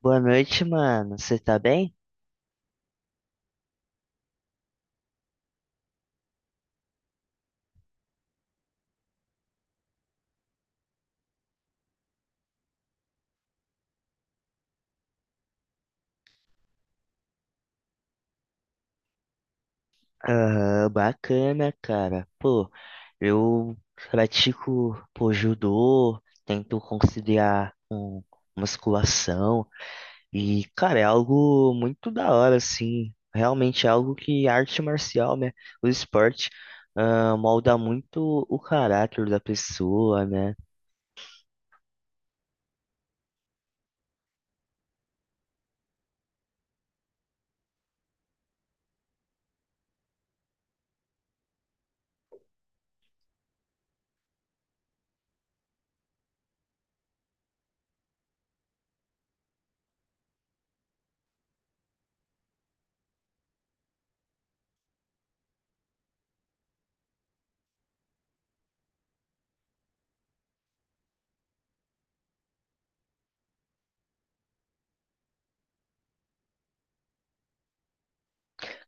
Boa noite, mano. Você tá bem? Ah, bacana, cara. Pô, eu pratico, pô, judô, tento conciliar com musculação e, cara, é algo muito da hora, assim. Realmente é algo que a arte marcial, né, o esporte, ah, molda muito o caráter da pessoa, né?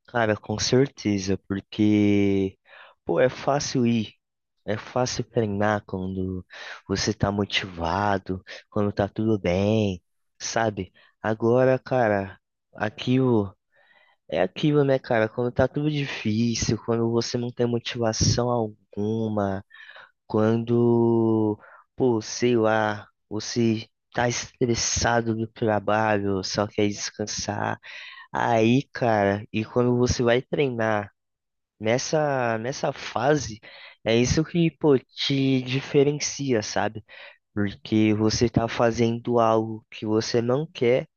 Cara, com certeza, porque, pô, é fácil ir, é fácil treinar quando você tá motivado, quando tá tudo bem, sabe? Agora, cara, aquilo é aquilo, né, cara? Quando tá tudo difícil, quando você não tem motivação alguma, quando, pô, sei lá, você tá estressado do trabalho, só quer descansar. Aí, cara, e quando você vai treinar? Nessa fase, é isso que, pô, te diferencia, sabe? Porque você tá fazendo algo que você não quer,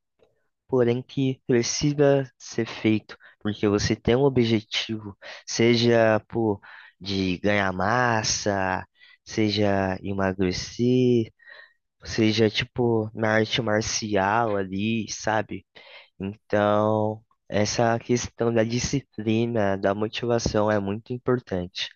porém que precisa ser feito, porque você tem um objetivo, seja, pô, de ganhar massa, seja emagrecer, seja, tipo, na arte marcial ali, sabe? Então, essa questão da disciplina, da motivação é muito importante.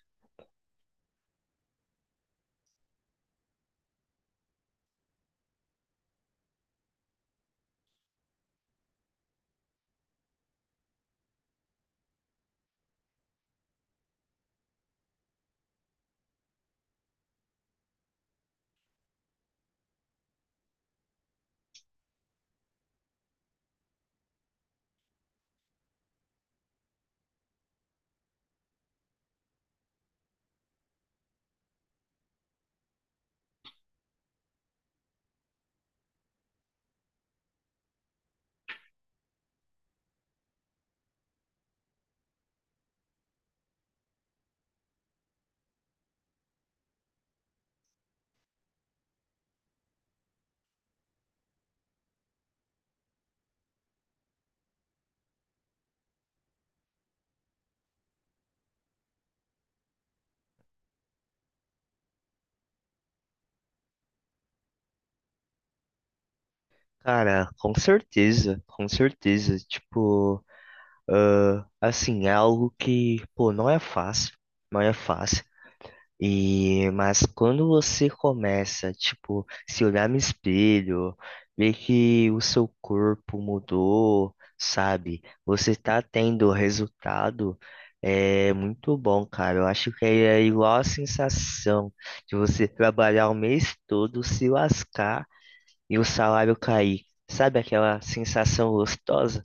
Cara, com certeza, com certeza. Tipo, assim, é algo que, pô, não é fácil, não é fácil. E, mas quando você começa, tipo, se olhar no espelho, ver que o seu corpo mudou, sabe? Você tá tendo resultado, é muito bom, cara. Eu acho que é igual a sensação de você trabalhar o mês todo, se lascar e o salário cair. Sabe aquela sensação gostosa?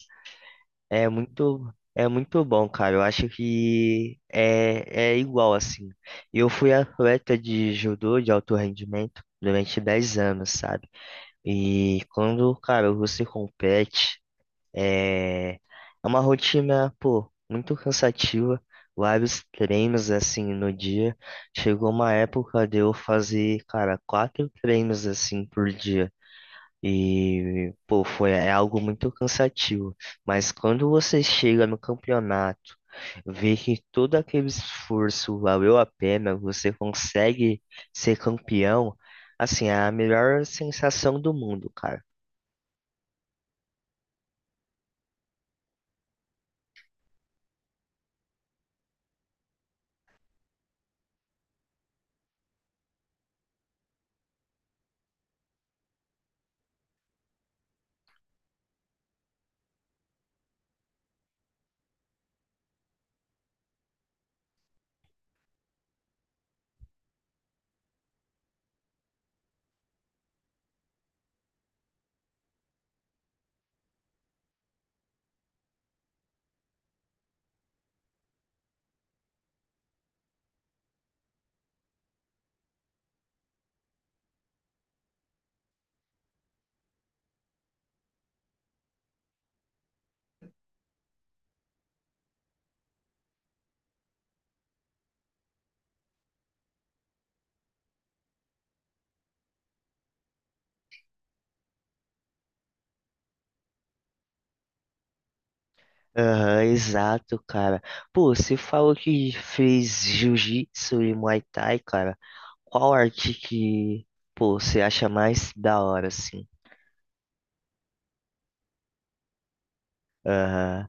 É muito, é muito bom, cara. Eu acho que é igual assim. Eu fui atleta de judô de alto rendimento durante 10 anos, sabe? E quando, cara, você compete, é uma rotina, pô, muito cansativa. Vários treinos assim no dia. Chegou uma época de eu fazer, cara, quatro treinos assim por dia. E, pô, foi, é algo muito cansativo. Mas quando você chega no campeonato, vê que todo aquele esforço valeu a pena, você consegue ser campeão, assim, é a melhor sensação do mundo, cara. Aham, exato, cara. Pô, você falou que fez jiu-jitsu e muay thai, cara. Qual arte que, pô, você acha mais da hora, assim? Aham.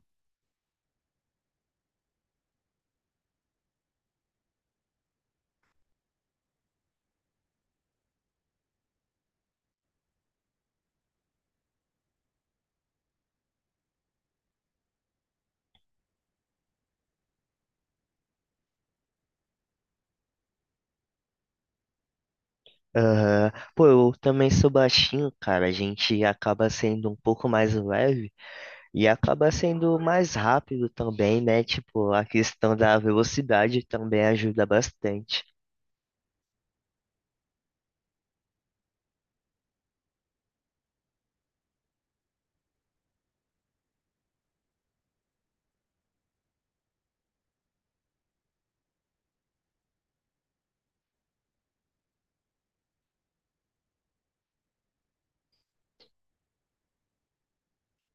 Aham. Pô, eu também sou baixinho, cara. A gente acaba sendo um pouco mais leve e acaba sendo mais rápido também, né? Tipo, a questão da velocidade também ajuda bastante.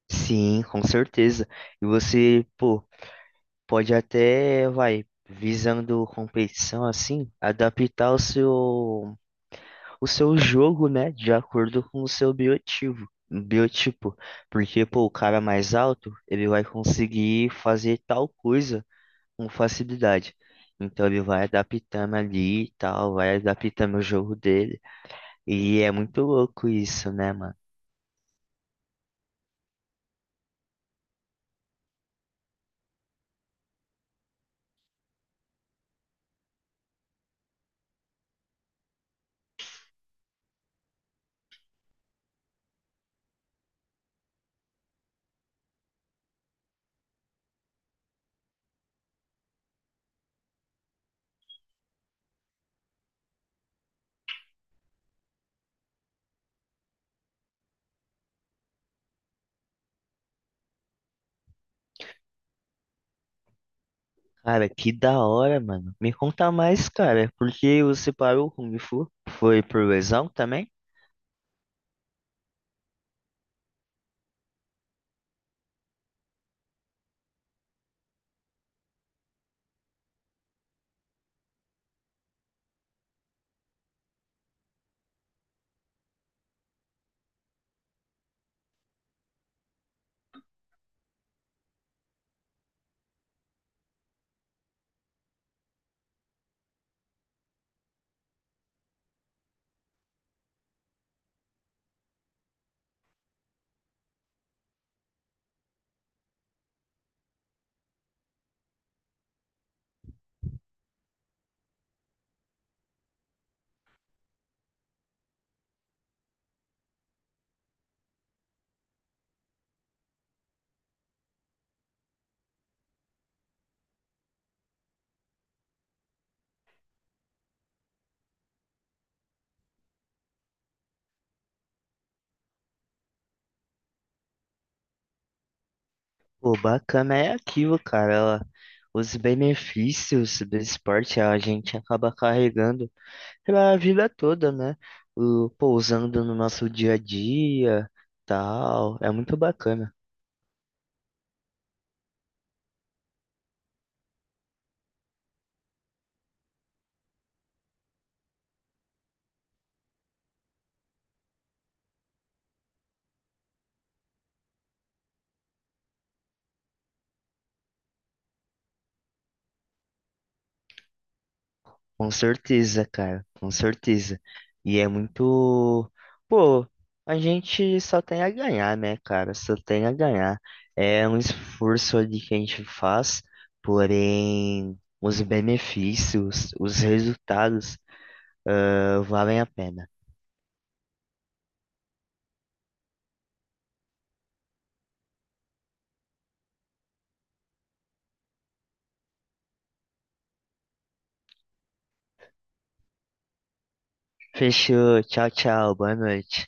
Sim, com certeza. E você, pô, pode até, vai, visando competição assim, adaptar o seu. O seu jogo, né, de acordo com o seu biotipo, biotipo. Porque, pô, o cara mais alto, ele vai conseguir fazer tal coisa com facilidade. Então ele vai adaptando ali e tal, vai adaptando o jogo dele. E é muito louco isso, né, mano? Cara, que da hora, mano. Me conta mais, cara, porque você parou com o Kung Fu? Foi por lesão também? Pô, bacana é aquilo, cara. Ela- os benefícios do esporte a gente acaba carregando pela vida toda, né? O, pô, usando no nosso dia a dia, tal. É muito bacana. Com certeza, cara. Com certeza. E é muito. Pô, a gente só tem a ganhar, né, cara? Só tem a ganhar. É um esforço ali que a gente faz, porém, os benefícios, os resultados. Ah, valem a pena. Fechou. Tchau, tchau. Boa noite.